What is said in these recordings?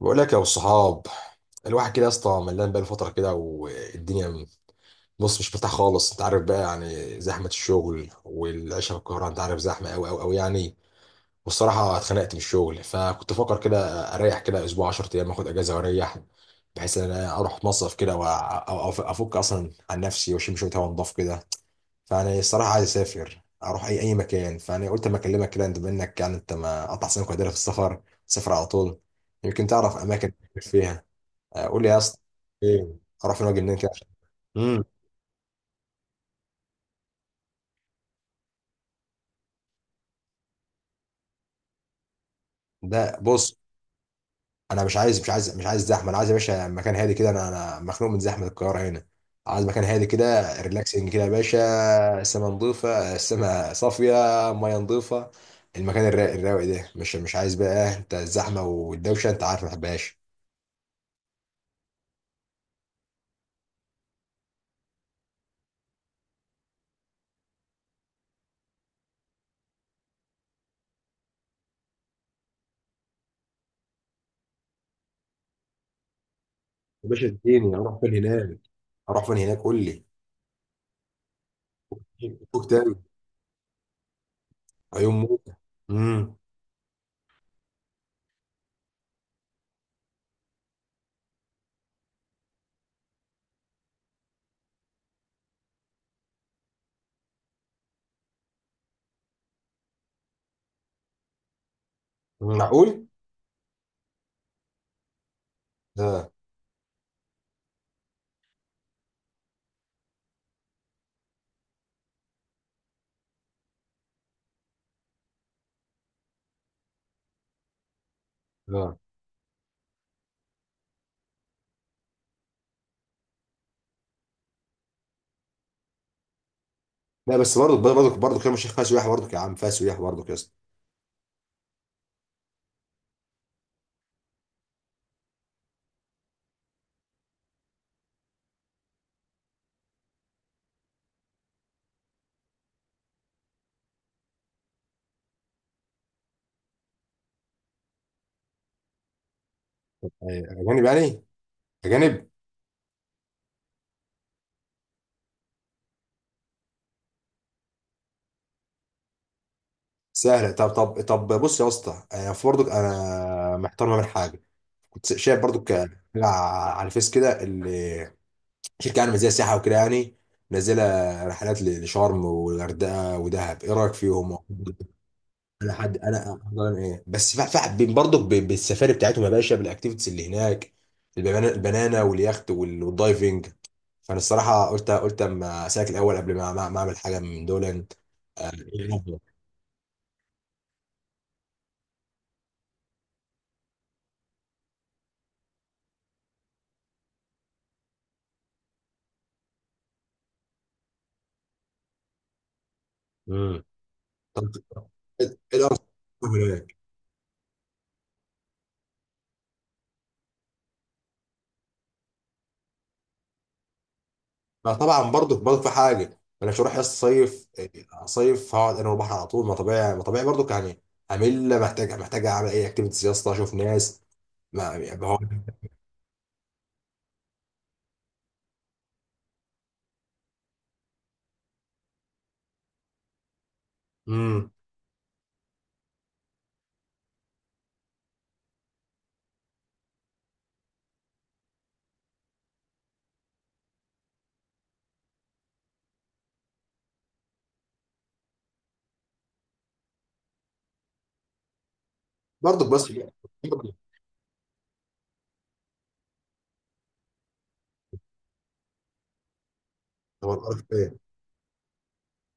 بقول لك يا ابو الصحاب، الواحد كده يا اسطى ملان بقى فتره كده والدنيا بص مش مرتاح خالص، انت عارف بقى يعني زحمه الشغل والعيشه في القاهره، انت عارف زحمه قوي قوي قوي يعني. والصراحه اتخنقت من الشغل فكنت بفكر كده اريح كده اسبوع 10 ايام، اخد اجازه واريح، بحيث ان انا اروح مصيف كده وافك اصلا عن نفسي واشم شويه هوا نضاف كده. فانا الصراحه عايز اسافر اروح اي مكان، فانا قلت اما اكلمك كده، انت منك يعني انت ما قطع سنك وقدرها في السفر، سافر على طول يمكن تعرف اماكن فيها. قول لي يا اسطى ايه، اروح فين واجي منين كده؟ امم ده بص، انا مش عايز زحمه، انا عايز يا باشا مكان هادي كده، انا مخنوق من زحمه القاهره هنا. عايز مكان هادي كده، ريلاكسنج كده يا باشا. السما نظيفه، السما صافيه، ميه نظيفه، المكان الرايق الرايق ده، مش عايز بقى انت الزحمه والدوشه، انت عارف ما بحبهاش. يا باشا اديني اروح فين هناك؟ اروح فين هناك، قول لي. فوق تاني، عيون موت. امم معقول؟ اه. اه، لا بس برضه كلام الشيخ فيها سياح، برضه يا عم فيها سياح برضه يا اسطى. يعني اجانب يعني، اجانب. سهله. طب بص يا اسطى، انا في برضه انا محتار ما بين حاجه، كنت شايف برضه حاجة على الفيس كده، اللي شركه يعني زي سياحه وكده يعني، نازله رحلات لشرم والغردقه ودهب، ايه رايك فيهم؟ انا حد انا أنا ايه، بس في حابين برضه بالسفاري بتاعتهم يا باشا، بالاكتيفيتيز اللي هناك، البنانا واليخت والدايفنج. فانا الصراحه قلت اما اسالك الاول قبل ما اعمل حاجه من دول. ايه الافضل؟ امم طب، ايه الافضل هناك؟ ما طبعا برضو برضو في حاجه. ما انا مش هروح يا اسطى صيف. صيف هقعد انا والبحر على طول ما طبيعي ما طبيعي برضو يعني. همل محتاج اعمل اي اكتيفيتيز يا اسطى، اشوف ناس ما يعني هو. امم برضو بس، برضو. طب اروح فين؟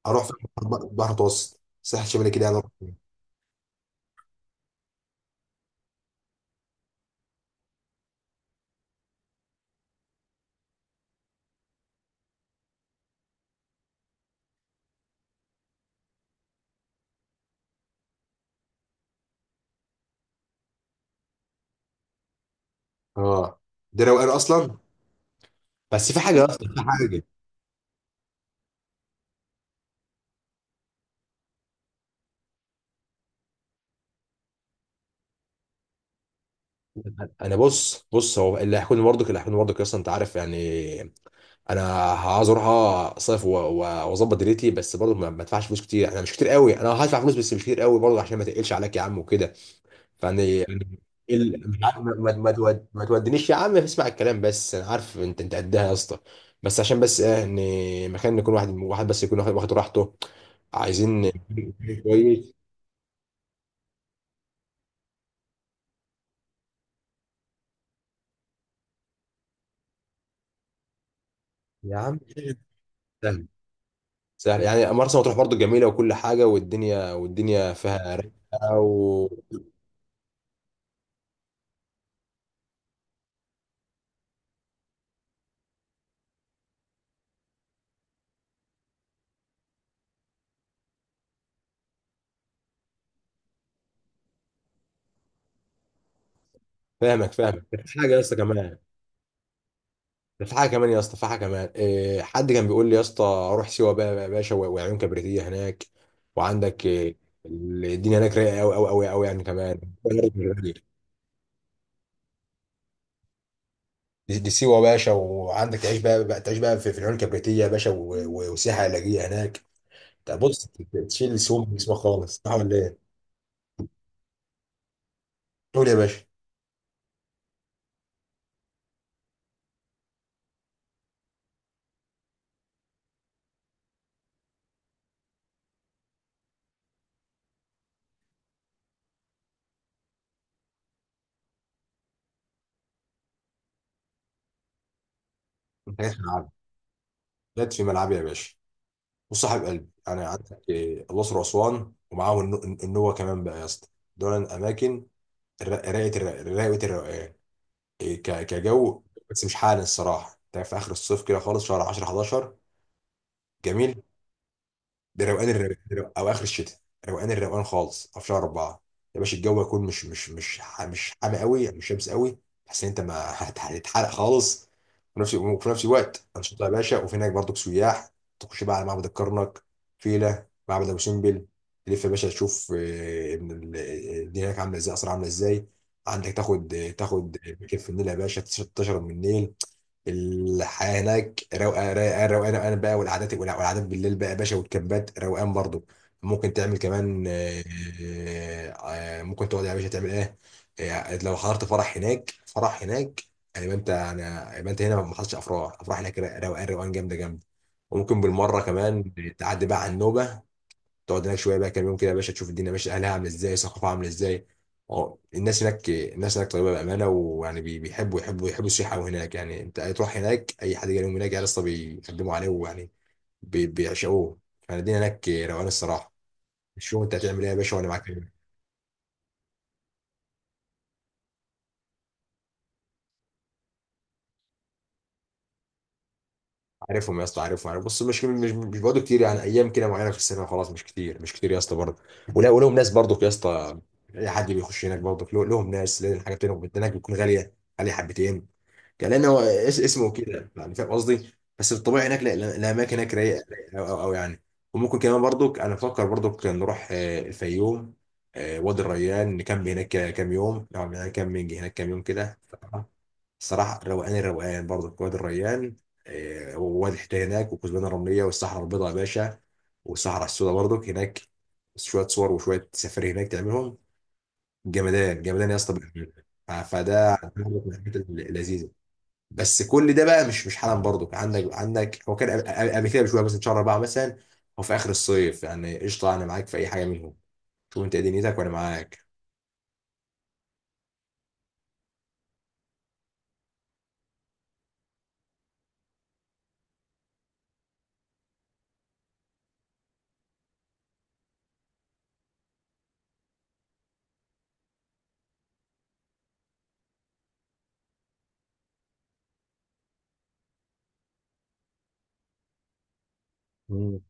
اروح فين؟ البحر، البحر المتوسط، الساحل الشمالي كده يعني، أروح فين؟ اه ده روقان اصلا، بس في حاجه اصلا، في حاجه. انا بص بص هو اللي هيحكوني برضك، اللي هيحكوني برضك اصلا، انت عارف يعني. انا عاوز اروح، اصيف واظبط دنيتي، بس برضه ما ادفعش فلوس كتير، انا مش كتير قوي، انا هدفع فلوس بس مش كتير قوي برضه عشان ما تقلش عليك يا عم وكده. فيعني يعني مش عارف، ما تودنيش يا عم، اسمع الكلام بس، انا عارف انت انت قدها يا اسطى. بس عشان بس ايه، ان مكان يكون واحد واحد بس، يكون واخد راحته. عايزين مكان كويس يا عم. سهل يعني، مرسى مطروح برضو جميلة وكل حاجة، والدنيا والدنيا فيها رايقة، وفاهمك. فاهمك، ده في حاجة يا اسطى كمان. ده في حاجة كمان يا اسطى، في حاجة كمان إيه، حد كان بيقول لي يا اسطى روح سيوة بقى يا باشا وعيون كبريتية هناك، وعندك إيه، الدنيا هناك رايقة أوي أوي أوي أوي يعني كمان. دي سيوة يا باشا، وعندك تعيش بقى تعيش بقى في العيون الكبريتية يا باشا، وسياحة علاجية هناك. ده بص، تشيل السوم من جسمك خالص، صح ولا ايه؟ قول يا باشا. انت جاي في ملعبي، جت في ملعبي يا باشا وصاحب قلبي يعني. عندك إيه، الأقصر وأسوان ومعاهم النوبة كمان بقى يا اسطى. دول الأماكن رايقة الروقان. إيه، كجو. بس مش حالا الصراحة، أنت في آخر الصيف كده خالص شهر 10 11 جميل، ده روقان الروقان او اخر الشتاء، روقان الروقان خالص، او في شهر اربعه يا باشا. الجو يكون مش حامي قوي يعني، مش شمس قوي، تحس ان انت ما هت- هتتحرق خالص. وفي نفس الوقت انشطه يا باشا، وفي هناك برضك سياح. تخش بقى على معبد الكرنك، فيله، معبد ابو سمبل، تلف يا باشا تشوف ابن الدنيا هناك عامله ازاي، اسرع عامله ازاي. عندك تاخد مركب في النيل يا باشا، تشرب من النيل، الحياه هناك روقان روقان روقان روقان بقى، والقعدات، والقعدات بالليل بقى يا باشا، والكامبات روقان برضو. ممكن تعمل كمان آه، ممكن تقعد يا باشا تعمل ايه. لو حضرت فرح هناك، فرح هناك يعني، يبقى انت انا يبقى انت هنا ما حصلش افراح، افراح هناك روقان روقان جامده جامده. وممكن بالمره كمان تعدي بقى على النوبه، تقعد هناك شويه بقى كام يوم كده يا باشا، تشوف الدنيا ماشيه، اهلها عامله ازاي، ثقافه عامله ازاي. اه الناس هناك، الناس هناك طيبه بامانه، ويعني بي- بيحبوا يحبوا يحبوا السياحه هناك يعني، انت تروح هناك اي حد جاي لهم هناك يا اسطى بيخدموا عليه ويعني بيعشقوه. يعني الدنيا هناك روقان الصراحه. شوف انت هتعمل ايه يا باشا وانا معاك. عارفهم يا اسطى، عارف بص، مش برضه كتير يعني، ايام كده معينه في السنه خلاص، مش كتير يا اسطى برضه. ولا ولهم ناس برضه يا اسطى، اي حد بيخش هناك برضه لهم ناس، لان الحاجات هناك، هناك بتكون غاليه، غاليه حبتين. كان لان هو اسمه كده يعني، فاهم قصدي. بس الطبيعي هناك، الاماكن هناك رايقه رايقة او يعني. وممكن كمان برضك انا بفكر برضك نروح الفيوم، وادي الريان، نكمل هناك كام يوم، نقعد هناك كام، نيجي هناك كام يوم كده الصراحه. روقان الروقان برضك وادي الريان، ووادي حيتان هناك، والكثبان الرمليه، والصحراء البيضاء يا باشا، والصحراء السوداء برضك هناك، شويه صور وشويه سفاري هناك تعملهم، جمدان جمدان يا اسطى بأمانة. فده لذيذ. بس كل ده بقى، مش مش حالا برضو، كان عندك عندك هو كان قبل كده بشويه، مثلا شهر اربعه مثلا، او في اخر الصيف يعني، قشطه انا معاك في اي حاجه منهم. شوف انت ايه دنيتك وانا معاك. مم.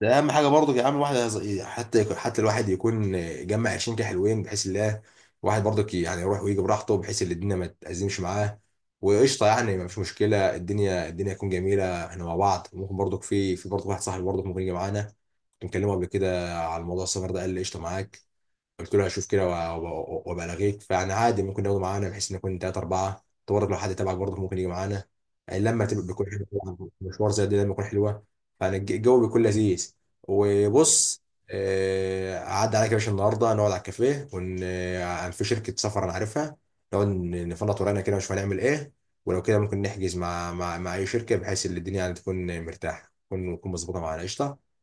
ده اهم حاجه برضو يا عم، الواحد حتى الواحد يكون جمع 20 كده حلوين، بحيث الله، الواحد برضو يعني يروح ويجي براحته، بحيث ان الدنيا ما تأزمش معاه، وقشطه يعني مفيش مشكله. الدنيا تكون جميله، احنا مع بعض. ممكن برضو في برضو واحد صاحبي برضو ممكن يجي معانا، كنت مكلمه قبل كده على موضوع السفر ده، قال لي قشطه معاك، قلت له هشوف كده وابلغيك. فانا عادي ممكن ناخده معانا، بحيث ان نكون ثلاثه اربعه. انت برضه لو حد تبعك برضه ممكن يجي معانا. لما تبقى بيكون حلو طبعاً. مشوار زي ده لما يكون حلوه، فانا الجو بيكون لذيذ. وبص، عدى عليك يا باشا النهارده نقعد على الكافيه ون آه، في شركه سفر انا عارفها، نقعد نفلط ورانا كده ونشوف هنعمل ايه، ولو كده ممكن نحجز مع مع اي شركه، بحيث ان الدنيا يعني تكون مرتاحه، تكون مظبوطه معانا. قشطه.